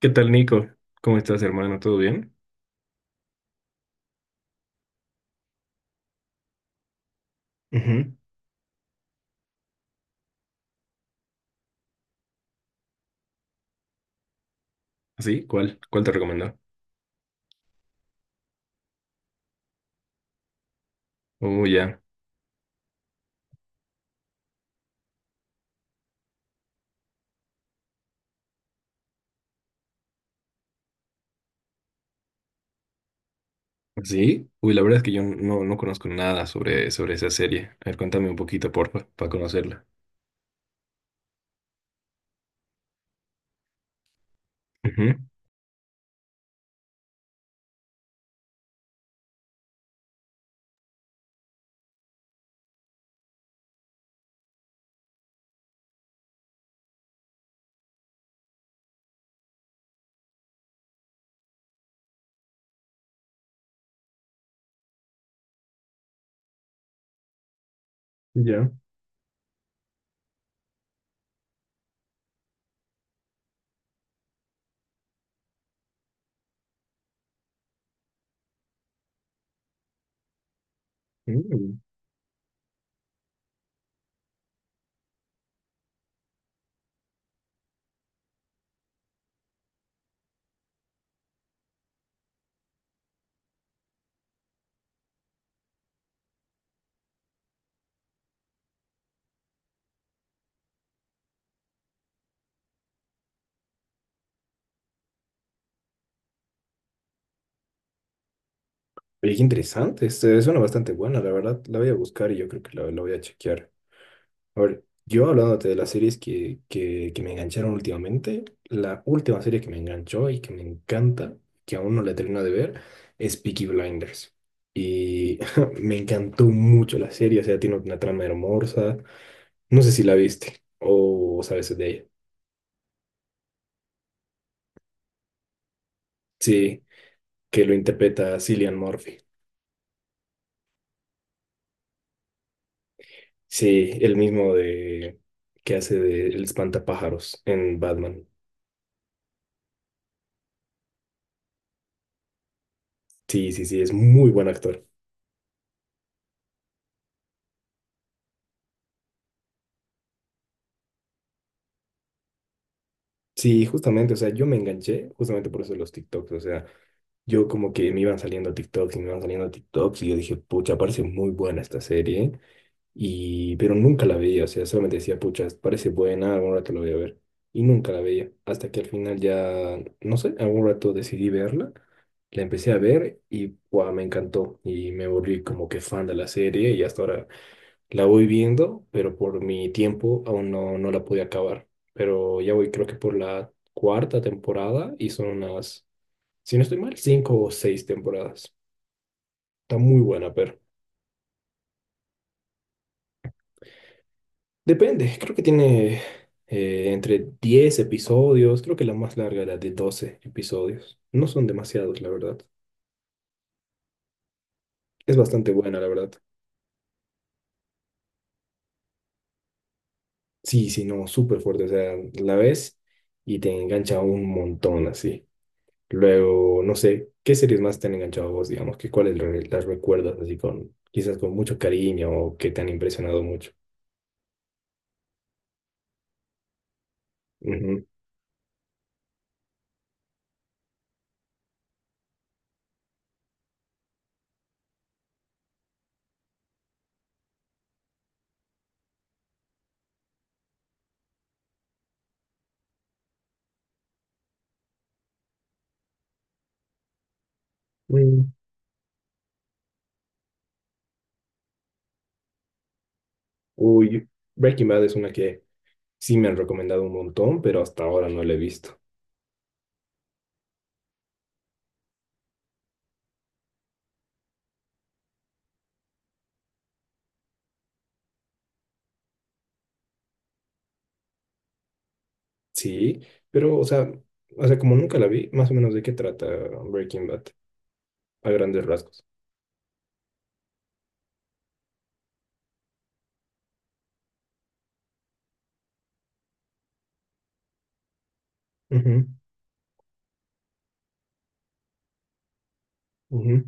¿Qué tal, Nico? ¿Cómo estás, hermano? ¿Todo bien? Ujú. ¿Así? ¿Cuál? ¿Cuál te recomendó? Oh, ya. ¿Sí? Uy, la verdad es que yo no conozco nada sobre esa serie. A ver, cuéntame un poquito, porfa, para conocerla. Ujú. Ya. Mm. Oye, qué interesante. Este, suena bastante buena, la verdad. La voy a buscar y yo creo que la voy a chequear. A ver, yo hablándote de las series que me engancharon últimamente, la última serie que me enganchó y que me encanta, que aún no la termino de ver, es Peaky Blinders. Y me encantó mucho la serie, o sea, tiene una trama hermosa. No sé si la viste o sabes de ella. Sí, que lo interpreta Cillian Murphy. Sí, el mismo de que hace de El Espantapájaros en Batman. Sí, sí, sí, es muy buen actor. Sí, justamente, o sea, yo me enganché justamente por eso de los TikToks, o sea, yo como que me iban saliendo TikToks y me iban saliendo TikToks y yo dije, pucha, parece muy buena esta serie, y pero nunca la veía, o sea, solamente decía, pucha, parece buena, algún rato la voy a ver, y nunca la veía, hasta que al final ya, no sé, algún rato decidí verla, la empecé a ver y guau, me encantó, y me volví como que fan de la serie y hasta ahora la voy viendo, pero por mi tiempo aún no la pude acabar. Pero ya voy, creo que por la cuarta temporada y son unas, si no estoy mal, cinco o seis temporadas. Está muy buena, pero depende. Creo que tiene entre 10 episodios. Creo que la más larga era de 12 episodios. No son demasiados, la verdad. Es bastante buena, la verdad. Sí, sí, no, súper fuerte. O sea, la ves y te engancha un montón así. Luego, no sé, ¿qué series más te han enganchado a vos, digamos? ¿Qué cuáles las recuerdas así con, quizás con mucho cariño o que te han impresionado mucho? Ujú. Mm. Uy, Breaking Bad es una que sí me han recomendado un montón, pero hasta ahora no la he visto. Sí, pero, o sea, como nunca la vi, más o menos de qué trata Breaking Bad, a grandes rasgos. Ujú, ujú,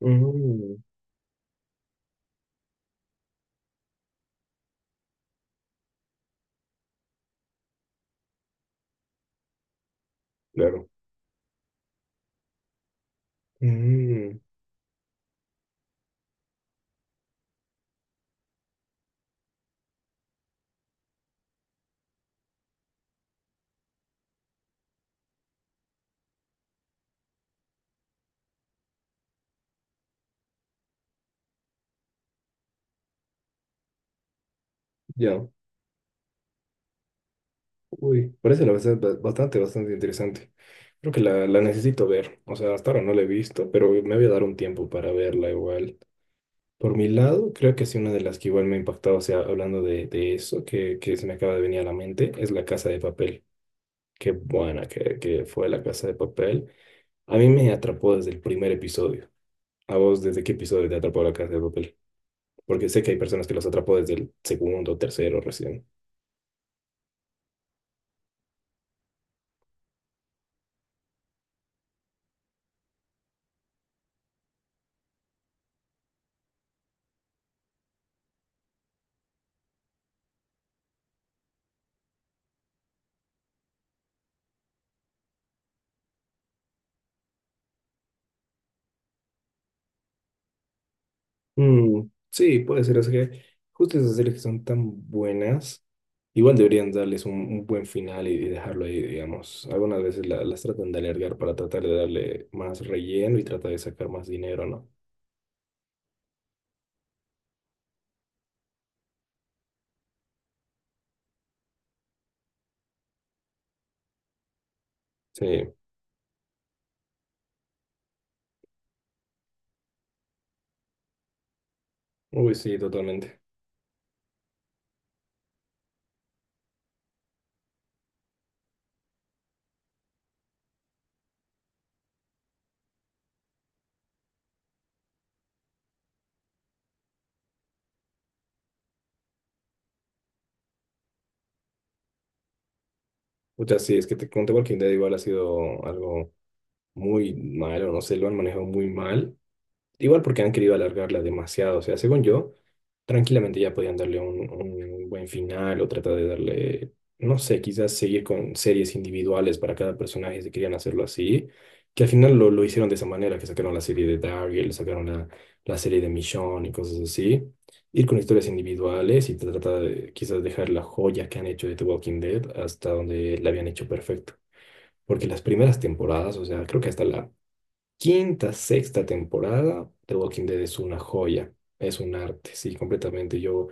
ujú, claro. Mm, ya. Uy, parece la verdad bastante interesante. Creo que la necesito ver. O sea, hasta ahora no la he visto, pero me voy a dar un tiempo para verla igual. Por mi lado, creo que sí, una de las que igual me ha impactado, o sea, hablando de eso, que se me acaba de venir a la mente, es La Casa de Papel. Qué buena que fue La Casa de Papel. A mí me atrapó desde el primer episodio. ¿A vos desde qué episodio te atrapó La Casa de Papel? Porque sé que hay personas que los atrapó desde el segundo, o tercero recién. Mm, sí, puede ser. Es que justo esas series que son tan buenas, igual deberían darles un buen final y dejarlo ahí, digamos. Algunas veces las tratan de alargar para tratar de darle más relleno y tratar de sacar más dinero, ¿no? Sí, uy, sí, totalmente. O sea, sí, es que te conté Walking Dead igual ha sido algo muy malo, no sé, lo han manejado muy mal. Igual porque han querido alargarla demasiado. O sea, según yo, tranquilamente ya podían darle un buen final o tratar de darle, no sé, quizás seguir con series individuales para cada personaje si querían hacerlo así. Que al final lo hicieron de esa manera, que sacaron la serie de Daryl, sacaron la serie de Michonne y cosas así. Ir con historias individuales y tratar de quizás dejar la joya que han hecho de The Walking Dead hasta donde la habían hecho perfecto. Porque las primeras temporadas, o sea, creo que hasta la quinta, sexta temporada, The Walking Dead es una joya, es un arte, sí, completamente. Yo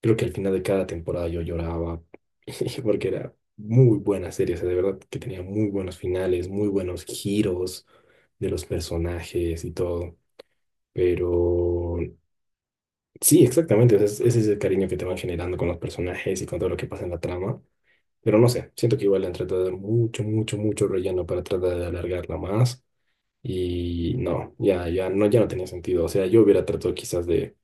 creo que al final de cada temporada yo lloraba porque era muy buena serie, o sea, de verdad que tenía muy buenos finales, muy buenos giros de los personajes y todo. Pero sí, exactamente, o sea, ese es el cariño que te van generando con los personajes y con todo lo que pasa en la trama. Pero no sé, siento que igual le han tratado de dar mucho, mucho, mucho relleno para tratar de alargarla más. Y no, ya, ya no tenía sentido. O sea, yo hubiera tratado quizás de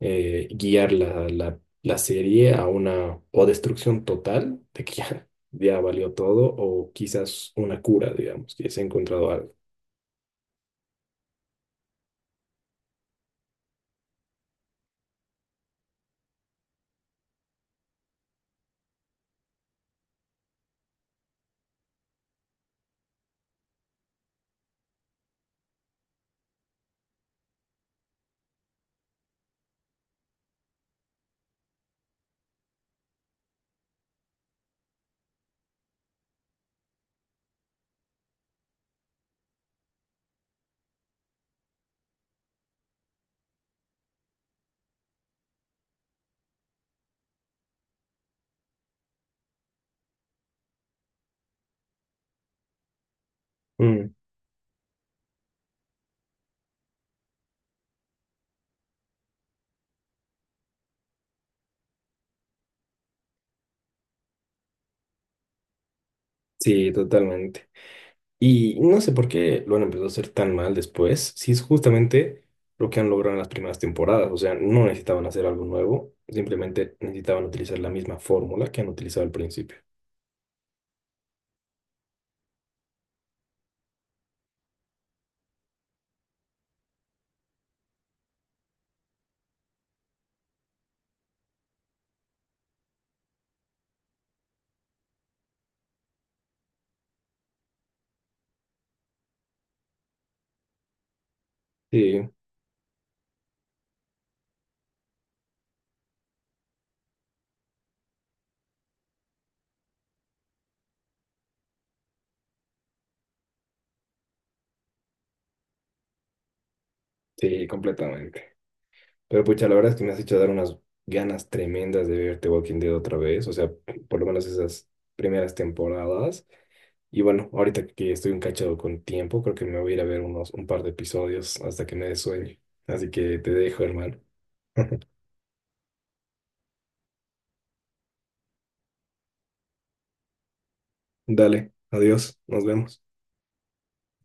guiar la serie a una o destrucción total de que ya, ya valió todo, o quizás una cura, digamos, que se ha encontrado algo. Mm, sí, totalmente. Y no sé por qué lo han empezado a hacer tan mal después, si es justamente lo que han logrado en las primeras temporadas. O sea, no necesitaban hacer algo nuevo, simplemente necesitaban utilizar la misma fórmula que han utilizado al principio. Sí, sí, completamente. Pero pucha, la verdad es que me has hecho dar unas ganas tremendas de verte Walking Dead otra vez, o sea, por lo menos esas primeras temporadas. Y bueno, ahorita que estoy un cachado con tiempo, creo que me voy a ir a ver unos un par de episodios hasta que me dé sueño. Así que te dejo, hermano. Dale, adiós, nos vemos.